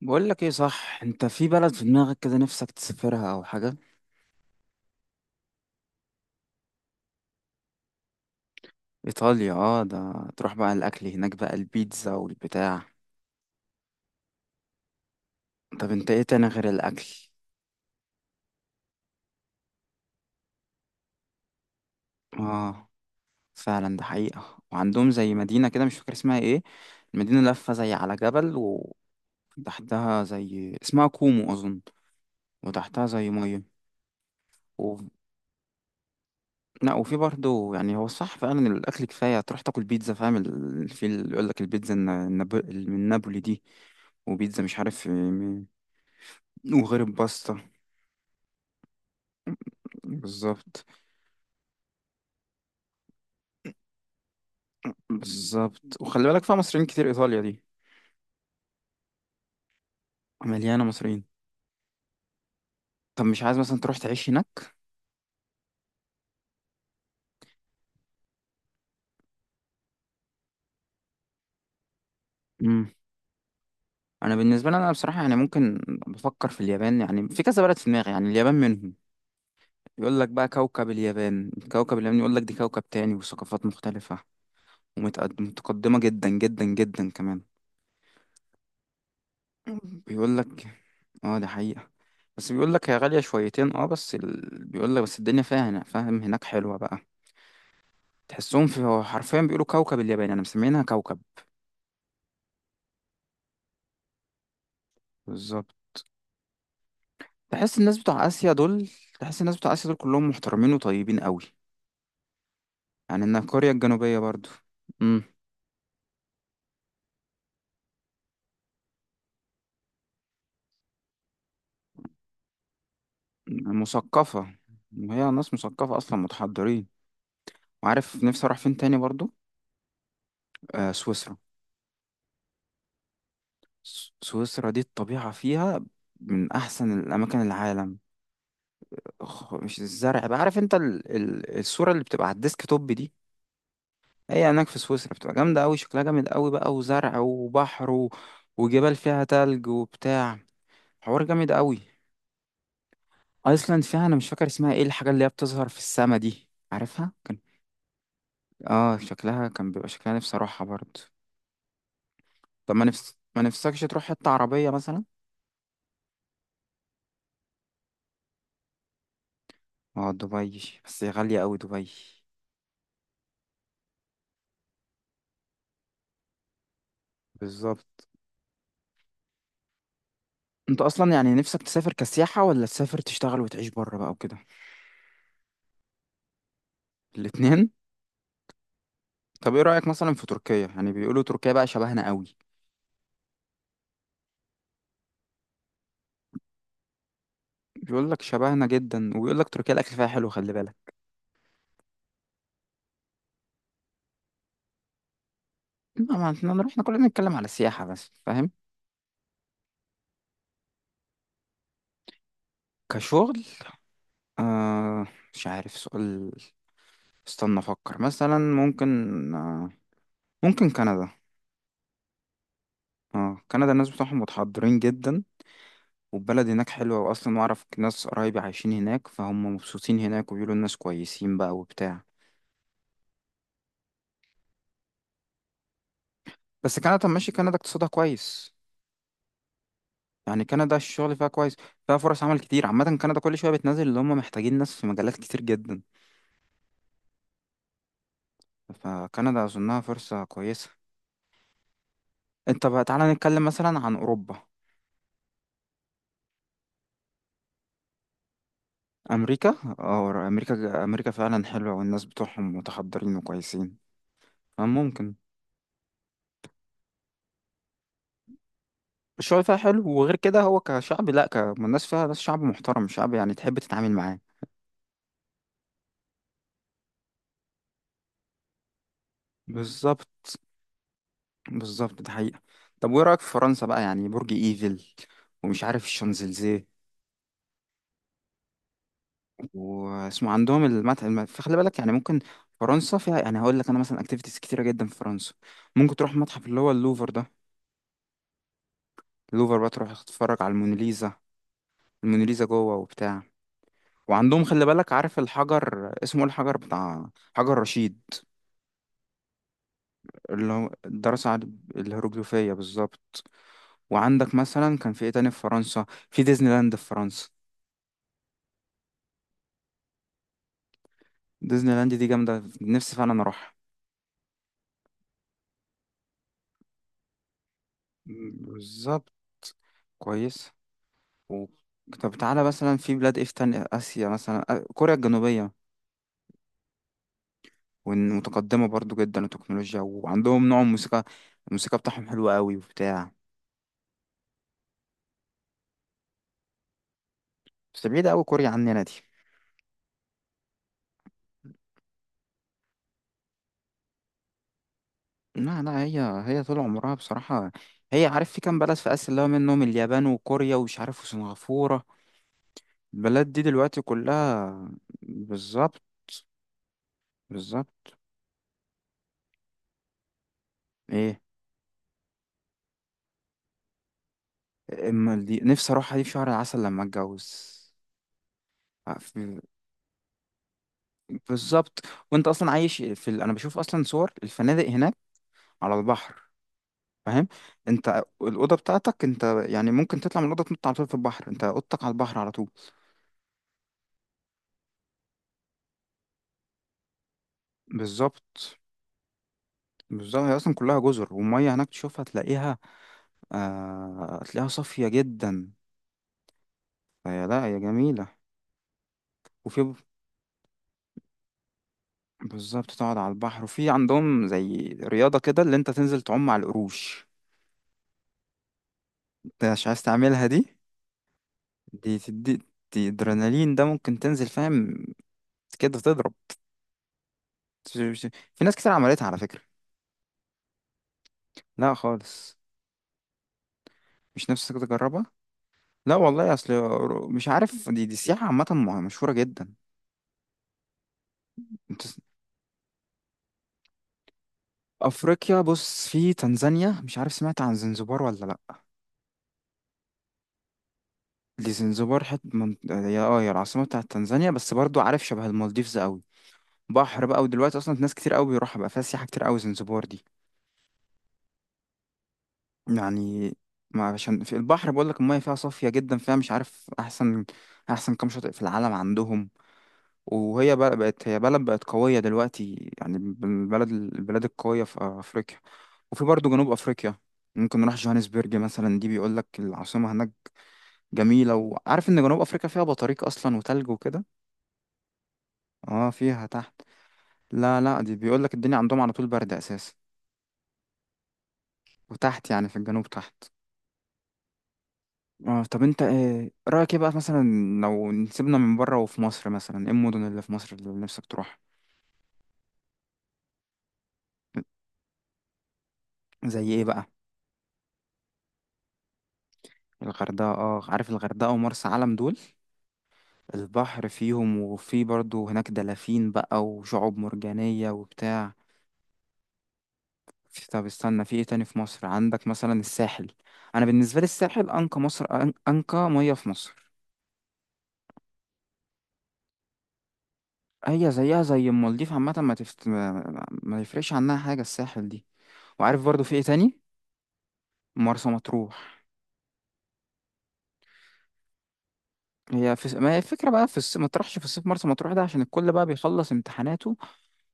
بقول لك ايه؟ صح، انت في بلد في دماغك كده نفسك تسافرها او حاجه؟ ايطاليا، اه، ده تروح بقى، الاكل هناك بقى البيتزا والبتاع. طب انت ايه تاني غير الاكل؟ اه، فعلا ده حقيقه. وعندهم زي مدينه كده مش فاكر اسمها ايه. المدينه لفه زي على جبل، وتحتها زي اسمها كومو اظن، وتحتها زي ميه. و... لا، وفي برضه، يعني هو صح، فعلا الاكل كفايه تروح تاكل بيتزا، فاهم في اللي يقول لك البيتزا من نابولي دي، وبيتزا مش عارف، وغير الباستا. بالظبط. بالظبط، وخلي بالك فيها مصريين كتير ايطاليا دي، مليانه مصريين. طب مش عايز مثلا تروح تعيش هناك؟ امم. انا بالنسبه لي، انا بصراحه يعني ممكن. بفكر في اليابان. يعني في كذا بلد في دماغي، يعني اليابان منهم. يقول لك بقى كوكب اليابان، كوكب اليابان، يقول لك دي كوكب تاني وثقافات مختلفه، ومتقدمه جدا جدا جدا كمان. بيقول لك اه دي حقيقه. بس بيقول لك هي غاليه شويتين، بس بيقول لك، بس الدنيا فيها، هنا فاهم، هناك حلوه بقى. تحسهم في، هو حرفيا بيقولوا كوكب اليابان، انا مسمينها كوكب. بالظبط. تحس الناس بتوع اسيا دول، تحس الناس بتوع اسيا دول كلهم محترمين وطيبين قوي. يعني ان كوريا الجنوبيه برضو. امم. مثقفه. وهي ناس مثقفه اصلا، متحضرين. وعارف نفسي اروح فين تاني برضو؟ آه، سويسرا. سويسرا دي الطبيعه فيها من احسن الاماكن العالم. مش الزرع بقى؟ عارف انت الصوره اللي بتبقى على الديسك توب دي؟ هي هناك في سويسرا بتبقى جامدة أوي، شكلها جامد أوي بقى، وزرع وبحر وجبال فيها تلج وبتاع. حوار جامد أوي. أيسلاند فيها، أنا مش فاكر اسمها إيه، الحاجة اللي هي بتظهر في السما دي عارفها؟ آه، شكلها كان بيبقى شكلها، نفسي أروحها برضه. طب ما نفسكش تروح حتة عربية مثلا؟ اه دبي، بس هي غالية أوي دبي. بالظبط. أنت أصلا يعني نفسك تسافر كسياحة، ولا تسافر تشتغل وتعيش بره بقى وكده؟ الاتنين؟ طب إيه رأيك مثلا في تركيا؟ يعني بيقولوا تركيا بقى شبهنا أوي. بيقول لك شبهنا جدا، وبيقول لك تركيا الاكل فيها حلو، خلي بالك. ما احنا نروح، احنا كلنا نتكلم على السياحه بس، فاهم. كشغل. آه. مش عارف، سؤال. استنى افكر، مثلا ممكن. آه. ممكن كندا. اه كندا الناس بتوعهم متحضرين جدا. والبلد هناك حلوه، واصلا واعرف ناس قرايبي عايشين هناك، فهم مبسوطين هناك، وبيقولوا الناس كويسين بقى وبتاع. بس كندا، طب ماشي، كندا اقتصادها كويس. يعني كندا الشغل فيها كويس. فيها فرص عمل كتير. عامة كندا كل شوية بتنزل اللي هم محتاجين ناس في مجالات كتير جدا. فكندا أظنها فرصة كويسة. انت بقى تعالى نتكلم مثلا عن أوروبا. أمريكا، أو أمريكا، أمريكا فعلا حلوة، والناس بتوعهم متحضرين وكويسين. فممكن. الشغل فيها حلو، وغير كده هو كشعب، لأ، الناس فيها ناس، شعب محترم، شعب يعني تحب تتعامل معاه. بالظبط. بالظبط ده حقيقة. طب وإيه رأيك في فرنسا بقى؟ يعني برج إيفل، ومش عارف الشانزليزيه، واسمه عندهم المتحف، فخلي بالك يعني ممكن. فرنسا فيها، يعني هقول لك أنا مثلا، أكتيفيتيز كتيرة جدا في فرنسا. ممكن تروح متحف اللي هو اللوفر ده. اللوفر بقى تروح تتفرج على الموناليزا. الموناليزا جوه وبتاع. وعندهم خلي بالك، عارف الحجر اسمه ايه، الحجر بتاع حجر رشيد؟ اللي هو الدراسة على الهيروغليفية بالظبط. وعندك مثلا كان في ايه تاني في فرنسا؟ في ديزني لاند في فرنسا. ديزني لاند دي جامدة، نفسي فعلا اروحها. بالظبط. كويس. و... طب تعالى مثلا في بلاد ايه في تاني، آسيا مثلا، كوريا الجنوبية. متقدمة برضو جدا التكنولوجيا، وعندهم نوع موسيقى، الموسيقى بتاعهم حلوة قوي وبتاع. بس بعيدة أوي كوريا عننا دي. لا لا، هي طول عمرها بصراحة. هي عارف في كام بلد في آسيا اللي هو منهم اليابان وكوريا ومش عارف وسنغافورة، البلد دي دلوقتي كلها. بالظبط. بالظبط ايه. اما دي نفسي اروحها دي في شهر العسل لما اتجوز. ع- في- بالظبط. وانت اصلا عايش في انا بشوف اصلا صور الفنادق هناك على البحر، فاهم. انت الاوضه بتاعتك انت، يعني ممكن تطلع من الاوضه تنط على طول في البحر، انت اوضتك على البحر على طول. بالظبط. بالظبط، هي اصلا كلها جزر، والميه هناك تشوفها تلاقيها، آه، تلاقيها صافيه جدا. فهي لا، هي جميله. وفي ب- بالظبط، تقعد على البحر، وفي عندهم زي رياضه كده اللي انت تنزل تعوم على القروش. انت مش عايز تعملها دي؟ دي تدي، دي ادرينالين ده، ممكن تنزل فاهم كده تضرب. في ناس كتير عملتها على فكره. لا خالص. مش نفسك تجربها؟ لا والله اصل. مش عارف، دي سياحه عامه مشهوره جدا. افريقيا بص، في تنزانيا، مش عارف سمعت عن زنزبار ولا لا؟ دي زنزبار، هي العاصمه بتاعت تنزانيا، بس برضو عارف شبه المالديفز قوي، بحر بقى. ودلوقتي اصلا ناس كتير قوي بيروحها بقى، فيها سياحه كتير قوي زنزبار دي. يعني، ما عشان في البحر بقول لك، الميه فيها صافيه جدا، فيها مش عارف احسن، احسن كام شاطئ في العالم عندهم. وهي بقى بقت، هي بلد بقت قويه دلوقتي، يعني من البلاد القويه في افريقيا. وفي برضو جنوب افريقيا، ممكن نروح جوهانسبرج مثلا، دي بيقول لك العاصمه هناك جميلة. وعارف ان جنوب افريقيا فيها بطاريق اصلا وتلج وكده. اه فيها تحت. لا لا، دي بيقول لك الدنيا عندهم على طول برد اساسا، وتحت يعني في الجنوب تحت. اه، طب انت ايه رأيك، ايه بقى مثلا لو نسيبنا من بره، وفي مصر مثلا ايه المدن اللي في مصر اللي نفسك تروح؟ زي ايه بقى؟ الغردقة، اه عارف الغردقة ومرسى علم دول، البحر فيهم، وفي برضو هناك دلافين بقى، وشعاب مرجانية وبتاع. طب استنى، في ايه تاني في مصر؟ عندك مثلا الساحل. انا بالنسبه لي الساحل انقى مصر، انقى ميه في مصر. هي زيها زي المالديف عامه، ما تفت... ما ما يفرقش عنها حاجه الساحل دي. وعارف برضو في ايه تاني؟ مرسى مطروح. ما هي الفكره بقى، ما تروحش في الصيف مرسى مطروح ده عشان الكل بقى بيخلص امتحاناته.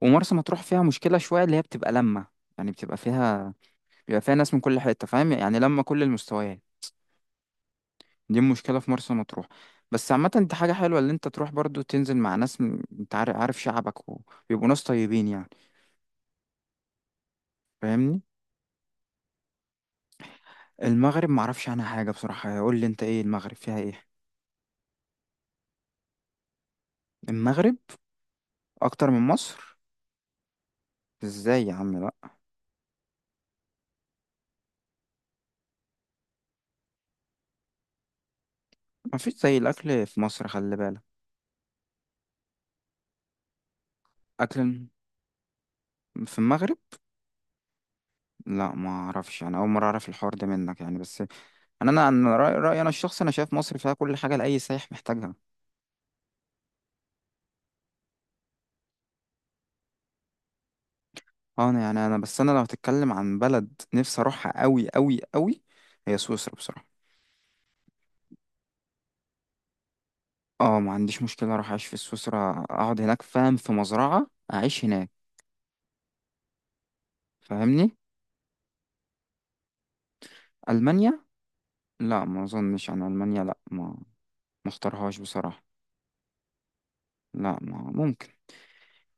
ومرسى مطروح فيها مشكله شويه، اللي هي بتبقى لما، يعني بتبقى فيها، بيبقى فيها ناس من كل حته، فاهم، يعني لما كل المستويات. دي مشكلة في مرسى مطروح. بس عامة دي حاجة حلوة اللي انت تروح برضو تنزل مع ناس، انت عارف شعبك، وبيبقوا ناس طيبين يعني. فاهمني. المغرب معرفش عنها حاجة بصراحة، قول لي انت ايه المغرب فيها ايه؟ المغرب اكتر من مصر؟ ازاي يا عم، لا. مفيش زي الاكل في مصر خلي بالك. اكل الم- في المغرب. لا ما اعرفش، انا اول مرة اعرف الحوار ده منك يعني. بس انا انا أنا رأيي انا الشخصي، انا شايف مصر فيها كل حاجة لاي سايح محتاجها. اه انا يعني، انا بس، انا لو هتتكلم عن بلد نفسي اروحها قوي قوي قوي، هي سويسرا بصراحه. اه، ما عنديش مشكله اروح اعيش في سويسرا، اقعد هناك فاهم في مزرعه، اعيش هناك. فاهمني. المانيا. لا ما اظنش عن المانيا، لا، ما اختارهاش بصراحه. لا، ما ممكن.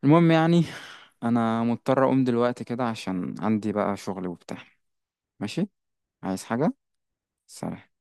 المهم يعني انا مضطر اقوم دلوقتي كده عشان عندي بقى شغل وبتاع. ماشي. عايز حاجه؟ سلام.